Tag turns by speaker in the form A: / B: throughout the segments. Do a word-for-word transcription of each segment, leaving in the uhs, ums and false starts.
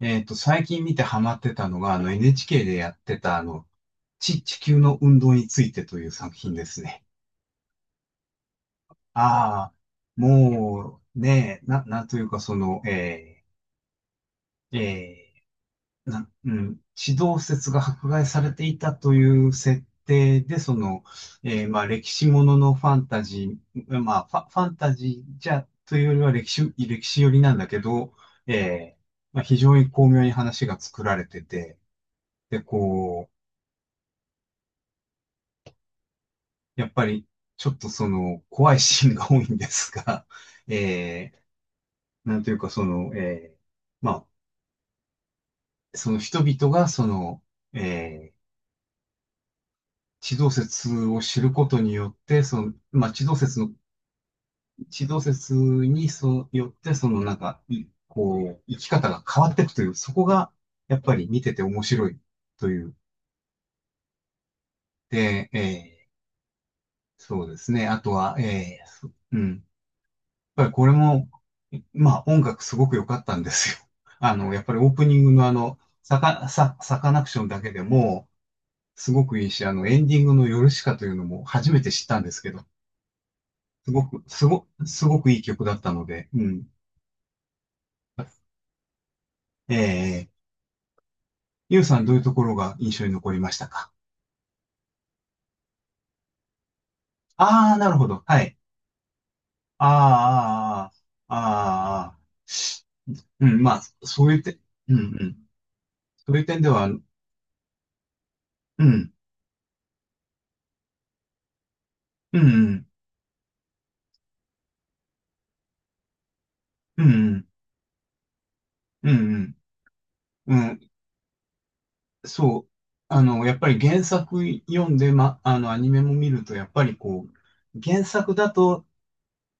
A: えっと、最近見てハマってたのが、あの エヌエイチケー でやってた、あの、地、地球の運動についてという作品ですね。ああ、もう、ねえ、な、なんというか、その、えー、えー、な、うん、地動説が迫害されていたという設定で、その、えー、まあ、歴史もののファンタジー、まあ、ファ、ファンタジーじゃ、というよりは歴史、歴史寄りなんだけど、えー、まあ、非常に巧妙に話が作られてて、で、こう、やっぱり、ちょっとその、怖いシーンが多いんですが、えー、なんというかその、えー、まあ、その人々がその、えー、地動説を知ることによって、その、まあ、地動説の、地動説にそよって、そのなんか、いこう、生き方が変わっていくという、そこが、やっぱり見てて面白いという。で、えー、そうですね。あとは、えー、そうん。ぱりこれも、まあ音楽すごく良かったんですよ。あの、やっぱりオープニングのあの、サカ、サ、サカナクションだけでも、すごくいいし、あの、エンディングのヨルシカというのも初めて知ったんですけど、すごく、すご、すごくいい曲だったので、うん。えー、ゆうさんどういうところが印象に残りましたか？ああー、なるほど。はい。ああ、ああ、あーあー、うん、まあ、そういう点、うん、うん。そういう点では、うん、うん、うん、うん、うん、うん、うん、うん、そう、あの、やっぱり原作読んで、ま、あの、アニメも見ると、やっぱりこう、原作だと、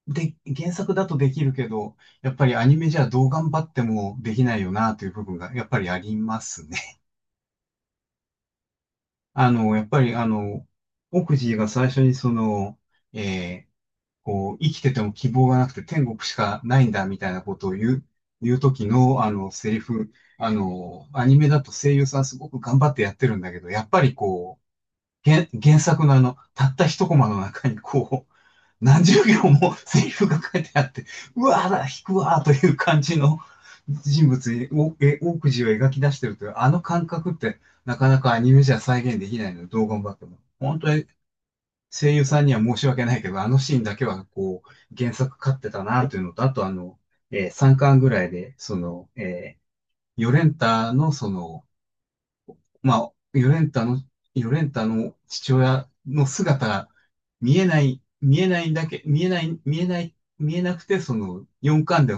A: で、原作だとできるけど、やっぱりアニメじゃどう頑張ってもできないよな、という部分が、やっぱりありますね。あの、やっぱり、あの、奥地が最初にその、えーこう、生きてても希望がなくて天国しかないんだ、みたいなことを言う、言う時の、あの、セリフ、あの、アニメだと声優さんすごく頑張ってやってるんだけど、やっぱりこう、原、原作のあの、たった一コマの中にこう、何十行もセリフが書いてあって、うわーだ、引くわーという感じの人物に、おえ、大くじを描き出してるという、あの感覚ってなかなかアニメじゃ再現できないので、どう頑張っても。本当に声優さんには申し訳ないけど、あのシーンだけはこう、原作勝ってたなというのと、あとあの、えさんかんぐらいで、その、えーヨレンタのその、まあ、ヨレンタの、ヨレンタの父親の姿が見えない、見えないだけ、見えない、見えない、見えなくて、そのよんかんで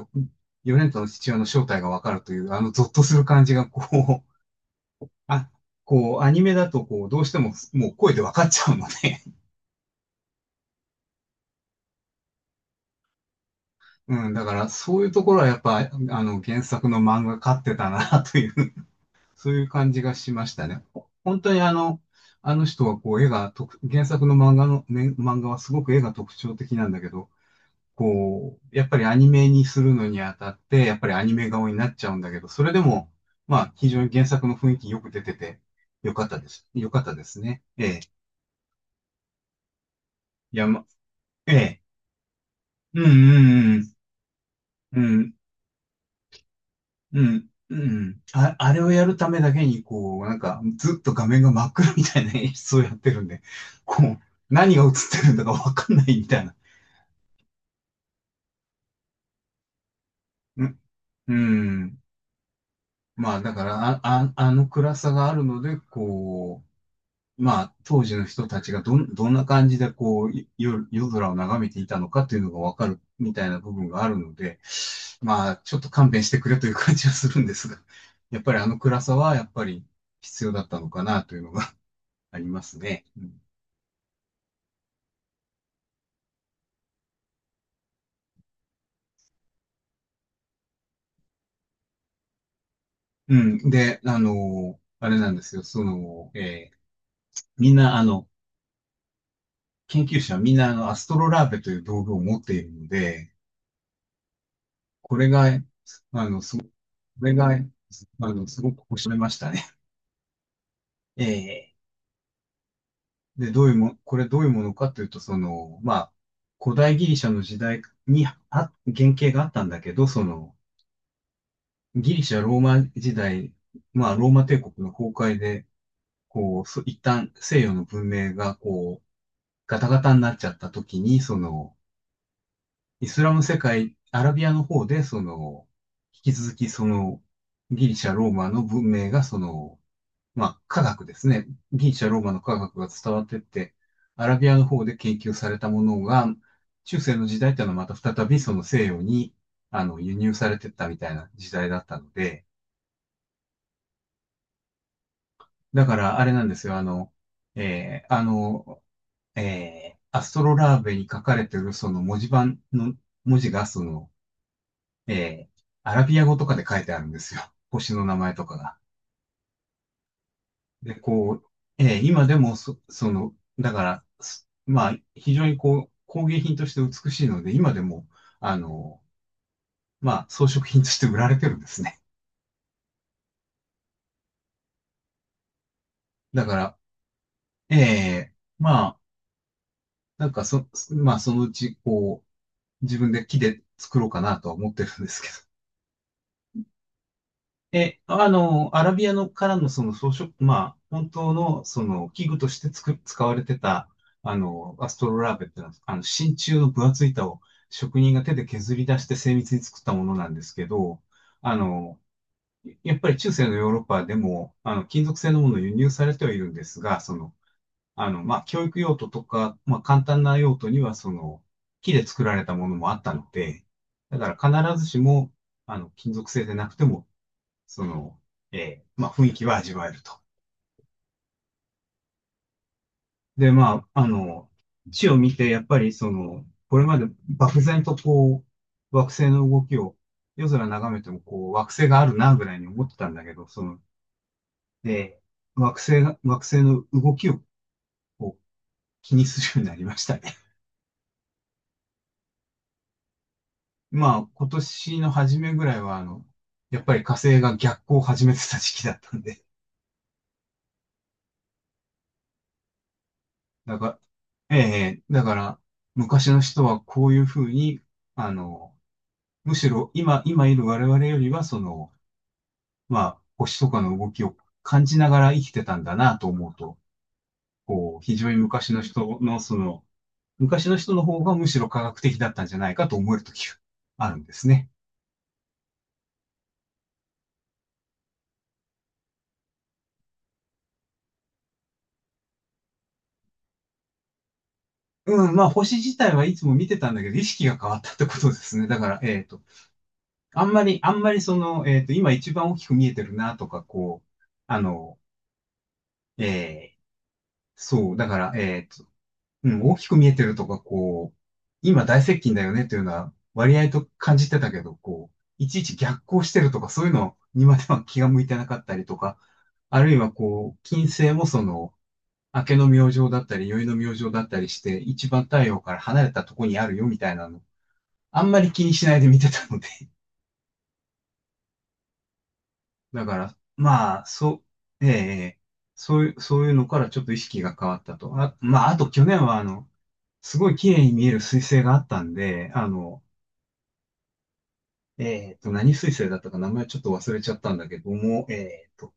A: ヨレンタの父親の正体がわかるという、あのゾッとする感じが、こう、あ、こう、アニメだと、こう、どうしても、もう声でわかっちゃうので、うん、だから、そういうところはやっぱ、あの、原作の漫画勝ってたな、というそういう感じがしましたね。ほ本当にあの、あの人はこう絵が特、原作の漫画の、ね、漫画はすごく絵が特徴的なんだけど、こう、やっぱりアニメにするのにあたって、やっぱりアニメ顔になっちゃうんだけど、それでも、まあ、非常に原作の雰囲気よく出てて、よかったです。よかったですね。ええ。いや、ま、ええ。うんうんうん。うん。うん、うん。あ、あれをやるためだけに、こう、なんか、ずっと画面が真っ暗みたいな演出をやってるんで、こう、何が映ってるんだかわかんないみたいな。うん、うん。まあ、だから、あ、あ、あの暗さがあるので、こう、まあ、当時の人たちがどん、どんな感じで、こう、夜、夜空を眺めていたのかっていうのがわかるみたいな部分があるので、まあ、ちょっと勘弁してくれという感じはするんですが、やっぱりあの暗さは、やっぱり必要だったのかなというのがありますね。うん。うんで、あの、あれなんですよ。その、えーみんな、あの、研究者はみんな、あの、アストロラーベという道具を持っているので、これが、あの、すご、これが、あの、すごく面白いましたね。えーで、どういうも、これどういうものかというと、その、まあ、古代ギリシャの時代にあ原型があったんだけど、その、ギリシャ、ローマ時代、まあ、ローマ帝国の崩壊で、こう、そ一旦西洋の文明が、こう、ガタガタになっちゃった時に、その、イスラム世界、アラビアの方で、その、引き続き、その、ギリシャ、ローマの文明が、その、まあ、科学ですね。ギリシャ、ローマの科学が伝わってって、アラビアの方で研究されたものが、中世の時代っていうのはまた再びその西洋に、あの、輸入されてったみたいな時代だったので、だからあれなんですよ、あの、えーあの、えーアストロラーベに書かれてるその文字盤の文字がその、えーアラビア語とかで書いてあるんですよ。星の名前とかが。で、こう、えー今でもそ、その、だから、すまあ、非常にこう、工芸品として美しいので、今でも、あの、まあ、装飾品として売られてるんですね。だから、えーまあ、なんかそ、まあ、そのうち、こう、自分で木で作ろうかなとは思ってるんですけど。え、あの、アラビアのからのその装飾、まあ、本当のその器具としてつく、使われてた、あの、アストロラーベってのは、あの、真鍮の分厚い板を職人が手で削り出して精密に作ったものなんですけど、あの、やっぱり中世のヨーロッパでも、あの、金属製のものを輸入されてはいるんですが、その、あの、まあ、教育用途とか、まあ、簡単な用途には、その、木で作られたものもあったので、だから必ずしも、あの、金属製でなくても、その、えーまあ、雰囲気は味わえると。で、まあ、あの、地を見て、やっぱりその、これまで漠然とこう、惑星の動きを夜空眺めても、こう、惑星があるな、ぐらいに思ってたんだけど、その、で、惑星が、惑星の動きをこう気にするようになりましたね。まあ、今年の初めぐらいは、あの、やっぱり火星が逆行を始めてた時期だったんで、だから、ええだから、昔の人はこういうふうに、あの、むしろ今、今いる我々よりは、その、まあ、星とかの動きを感じながら生きてたんだなと思うと、こう、非常に昔の人の、その、昔の人の方がむしろ科学的だったんじゃないかと思えるときがあるんですね。うん、まあ、星自体はいつも見てたんだけど、意識が変わったってことですね。だから、えっ、と、あんまり、あんまりその、えっ、と、今一番大きく見えてるなとか、こう、あの、えーそう、だから、えっと、うん、大きく見えてるとか、こう、今大接近だよねというのは割合と感じてたけど、こう、いちいち逆行してるとか、そういうのにまでは気が向いてなかったりとか、あるいはこう、金星もその、明けの明星だったり、宵の明星だったりして、一番太陽から離れたとこにあるよみたいなの、あんまり気にしないで見てたので。だから、まあ、そう、ええ、ええそういう、そういうのからちょっと意識が変わったと。あ、まあ、あと去年はあの、すごい綺麗に見える彗星があったんで、あの、えっと、何水星だったか名前ちょっと忘れちゃったんだけども、えー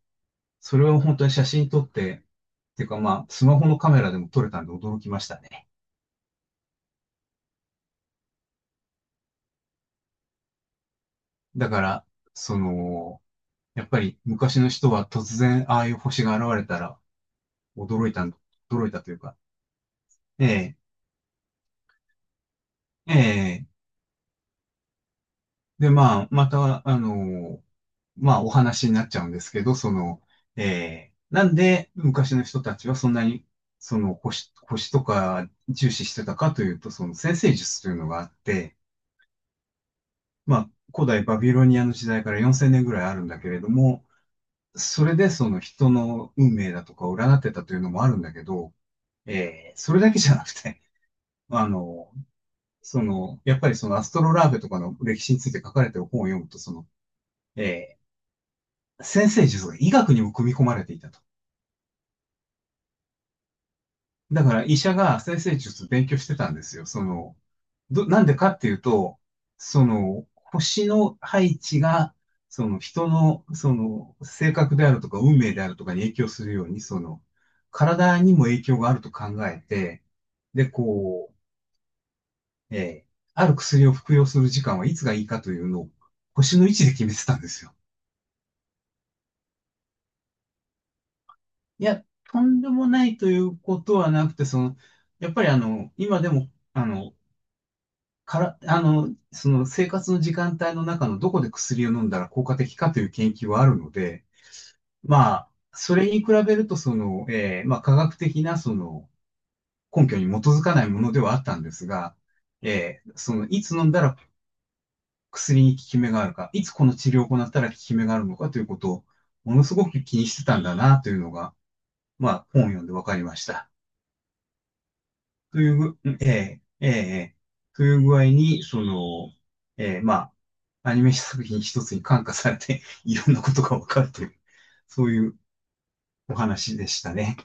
A: それを本当に写真撮って、っていうかまあ、スマホのカメラでも撮れたんで驚きましたね。だから、その、やっぱり昔の人は突然ああいう星が現れたら驚いたん、驚いたというか、ええええで、まあ、また、あの、まあ、お話になっちゃうんですけど、その、えー、なんで昔の人たちはそんなに、その、星、星とか重視してたかというと、その占星術というのがあって、まあ、古代バビロニアの時代からよんせんねんぐらいあるんだけれども、それでその人の運命だとかを占ってたというのもあるんだけど、えー、それだけじゃなくて、あの、その、やっぱりそのアストロラーベとかの歴史について書かれてる本を読むと、その、えー先生術が医学にも組み込まれていたと。だから医者が先生術勉強してたんですよ。その、ど、なんでかっていうと、その、星の配置が、その人の、その、性格であるとか、運命であるとかに影響するように、その、体にも影響があると考えて、で、こう、えーある薬を服用する時間はいつがいいかというのを、星の位置で決めてたんですよ。いや、とんでもないということはなくて、その、やっぱりあの、今でも、あの、から、あの、その生活の時間帯の中のどこで薬を飲んだら効果的かという研究はあるので、まあ、それに比べると、その、えーまあ、科学的な、その、根拠に基づかないものではあったんですが、えーその、いつ飲んだら薬に効き目があるか、いつこの治療を行ったら効き目があるのかということを、ものすごく気にしてたんだな、というのが、まあ、本を読んで分かりました。というぐ、ええ、ええ、という具合に、その、ええ、まあ、アニメ作品一つに感化されて、いろんなことがわかるという、そういうお話でしたね。